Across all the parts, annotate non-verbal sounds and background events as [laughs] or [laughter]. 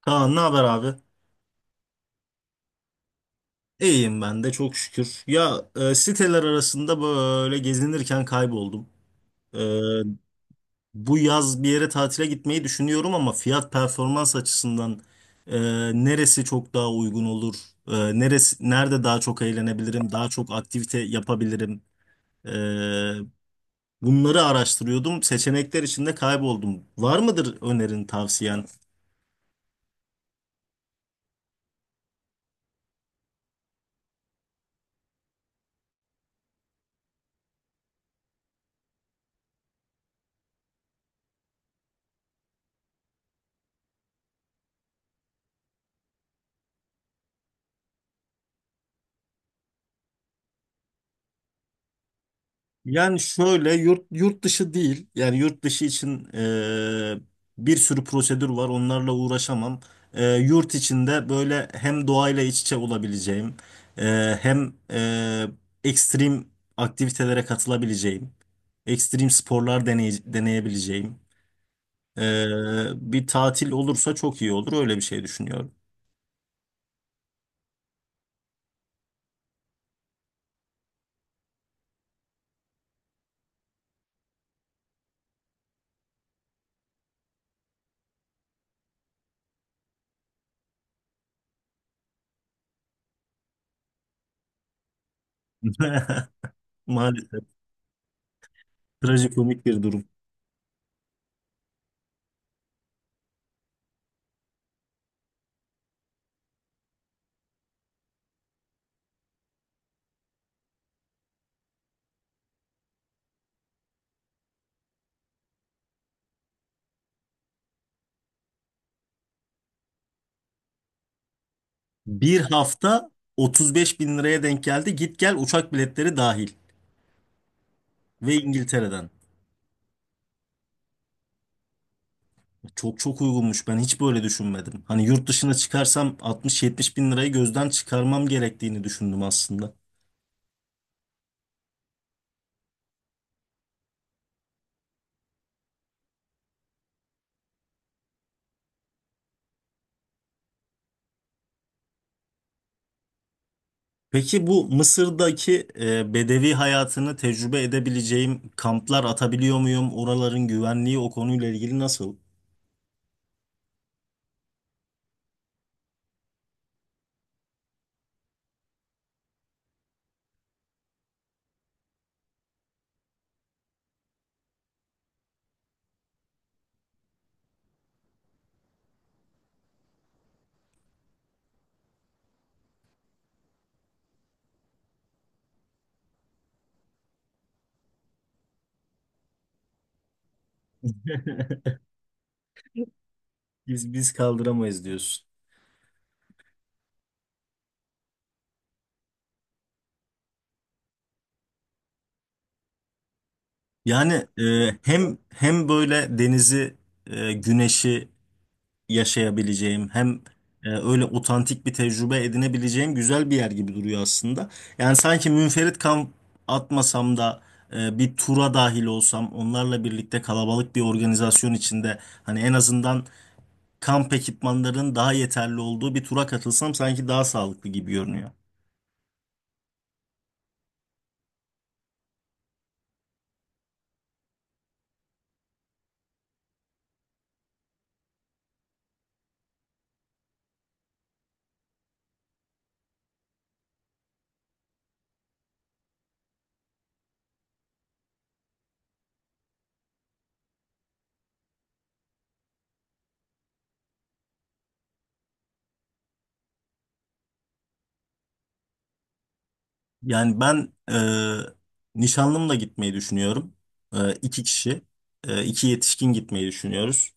Kaan, ne haber abi? İyiyim ben de çok şükür. Siteler arasında böyle gezinirken kayboldum. E, Bu yaz bir yere tatile gitmeyi düşünüyorum ama fiyat performans açısından e, neresi çok daha uygun olur? Neresi, nerede daha çok eğlenebilirim? Daha çok aktivite yapabilirim? E, Bunları araştırıyordum. Seçenekler içinde kayboldum. Var mıdır önerin, tavsiyen? Yani şöyle, yurt dışı değil. Yani yurt dışı için bir sürü prosedür var. Onlarla uğraşamam. Yurt içinde böyle hem doğayla iç içe olabileceğim, e, hem e, ekstrem aktivitelere katılabileceğim, ekstrem sporlar deneyebileceğim. Ee, Bir tatil olursa çok iyi olur. Öyle bir şey düşünüyorum. [laughs] Maalesef. Trajikomik bir durum. Bir hafta 35 bin liraya denk geldi. Git gel uçak biletleri dahil. Ve İngiltere'den. Çok çok uygunmuş. Ben hiç böyle düşünmedim. Hani yurt dışına çıkarsam 60-70 bin lirayı gözden çıkarmam gerektiğini düşündüm aslında. Peki bu Mısır'daki bedevi hayatını tecrübe edebileceğim kamplar atabiliyor muyum? Oraların güvenliği o konuyla ilgili nasıl? Biz kaldıramayız diyorsun. Yani hem böyle denizi, güneşi yaşayabileceğim, hem öyle otantik bir tecrübe edinebileceğim güzel bir yer gibi duruyor aslında. Yani sanki münferit kamp atmasam da bir tura dahil olsam, onlarla birlikte kalabalık bir organizasyon içinde hani en azından kamp ekipmanlarının daha yeterli olduğu bir tura katılsam sanki daha sağlıklı gibi görünüyor. Yani ben nişanlımla gitmeyi düşünüyorum. İki kişi, iki yetişkin gitmeyi düşünüyoruz.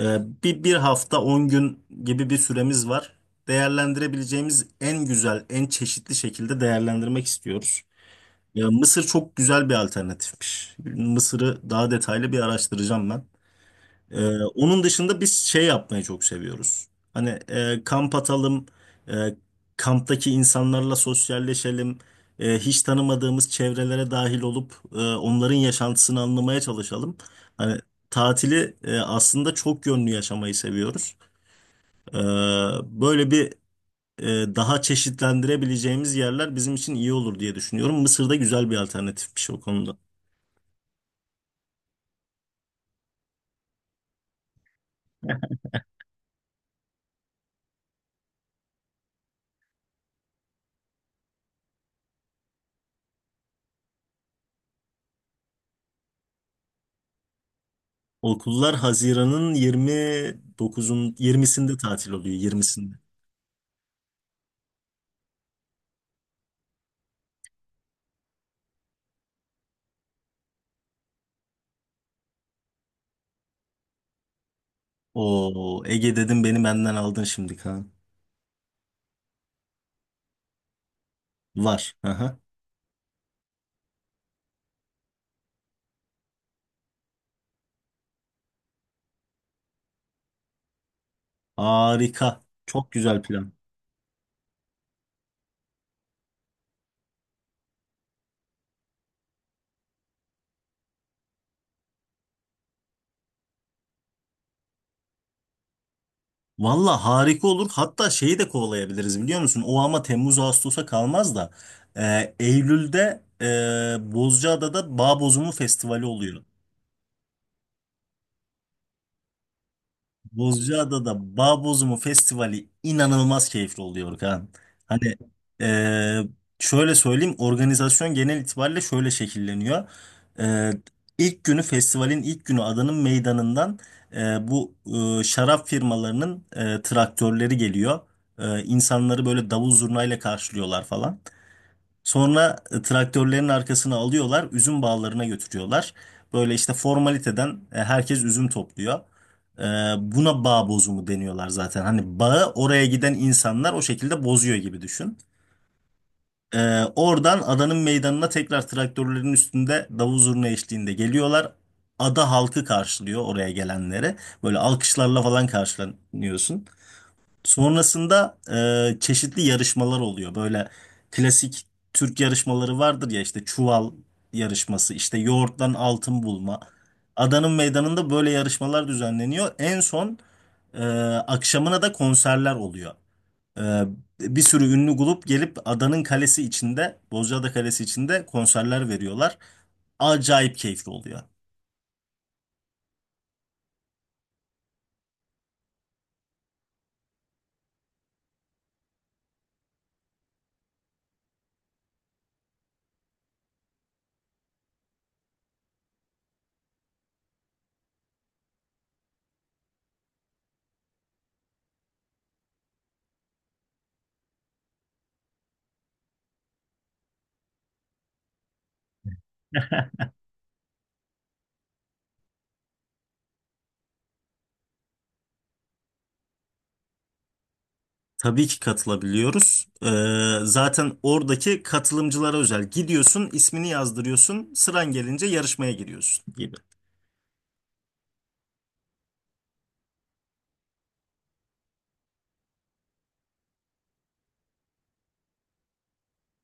Bir hafta, on gün gibi bir süremiz var. Değerlendirebileceğimiz en güzel, en çeşitli şekilde değerlendirmek istiyoruz. Ya, Mısır çok güzel bir alternatifmiş. Mısır'ı daha detaylı bir araştıracağım ben. Onun dışında biz şey yapmayı çok seviyoruz. Hani kamp atalım, e, kamptaki insanlarla sosyalleşelim, hiç tanımadığımız çevrelere dahil olup onların yaşantısını anlamaya çalışalım. Hani tatili aslında çok yönlü yaşamayı seviyoruz. Ee, Böyle bir daha çeşitlendirebileceğimiz yerler bizim için iyi olur diye düşünüyorum. Mısır'da güzel bir alternatifmiş o konuda. Okullar Haziran'ın 29'un 20'sinde tatil oluyor, 20'sinde. O, Ege dedim, beni benden aldın şimdi Kaan. Var. Aha. Harika. Çok güzel plan. Valla harika olur. Hatta şeyi de kovalayabiliriz, biliyor musun? O ama Temmuz Ağustos'a kalmaz da Eylül'de Bozcaada'da Bağ Bozumu Festivali oluyor. Bozcaada'da Bağ Bozumu Festivali inanılmaz keyifli oluyor Kaan. Hani eee, şöyle söyleyeyim, organizasyon genel itibariyle şöyle şekilleniyor. Eee ilk günü, festivalin ilk günü, adanın meydanından bu şarap firmalarının traktörleri geliyor. İnsanları böyle davul zurnayla karşılıyorlar falan. Sonra traktörlerin arkasına alıyorlar, üzüm bağlarına götürüyorlar. Böyle işte formaliteden herkes üzüm topluyor. E, Buna bağ bozumu deniyorlar zaten. Hani bağı, oraya giden insanlar o şekilde bozuyor gibi düşün. Oradan adanın meydanına tekrar traktörlerin üstünde davul zurna eşliğinde geliyorlar. Ada halkı karşılıyor oraya gelenleri. Böyle alkışlarla falan karşılanıyorsun. Sonrasında çeşitli yarışmalar oluyor. Böyle klasik Türk yarışmaları vardır ya, işte çuval yarışması, işte yoğurttan altın bulma. Adanın meydanında böyle yarışmalar düzenleniyor. En son e, akşamına da konserler oluyor. E, Bir sürü ünlü grup gelip adanın kalesi içinde, Bozcaada Kalesi içinde konserler veriyorlar. Acayip keyifli oluyor. Tabii ki katılabiliyoruz. Zaten oradaki katılımcılara özel. Gidiyorsun, ismini yazdırıyorsun, sıran gelince yarışmaya giriyorsun gibi.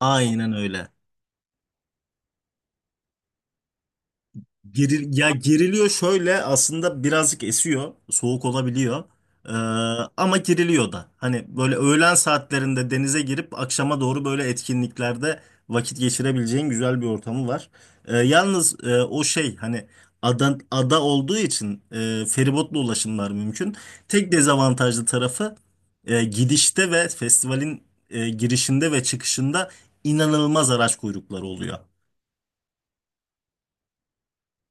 Aynen öyle. Ya, geriliyor şöyle aslında, birazcık esiyor. Soğuk olabiliyor. Ee, Ama geriliyor da. Hani böyle öğlen saatlerinde denize girip akşama doğru böyle etkinliklerde vakit geçirebileceğin güzel bir ortamı var. Yalnız o şey hani ada olduğu için feribotla ulaşımlar mümkün. Tek dezavantajlı tarafı gidişte ve festivalin girişinde ve çıkışında inanılmaz araç kuyrukları oluyor.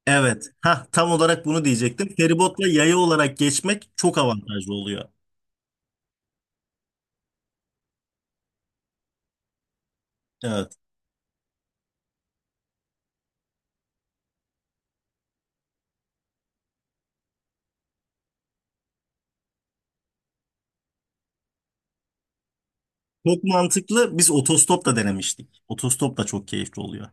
Evet. Ha, tam olarak bunu diyecektim. Feribotla yaya olarak geçmek çok avantajlı oluyor. Evet. Çok mantıklı. Biz otostop da denemiştik. Otostop da çok keyifli oluyor.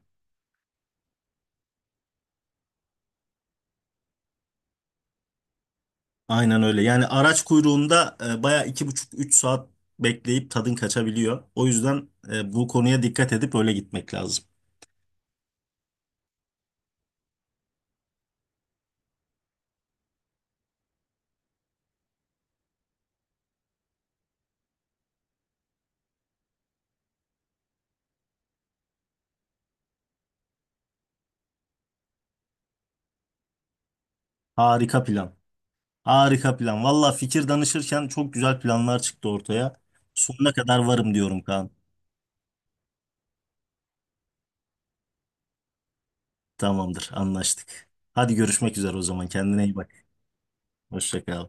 Aynen öyle. Yani araç kuyruğunda baya iki buçuk üç saat bekleyip tadın kaçabiliyor. O yüzden bu konuya dikkat edip öyle gitmek lazım. Harika plan. Harika plan. Valla, fikir danışırken çok güzel planlar çıktı ortaya. Sonuna kadar varım diyorum Kaan. Tamamdır, anlaştık. Hadi, görüşmek üzere o zaman. Kendine iyi bak. Hoşça kal.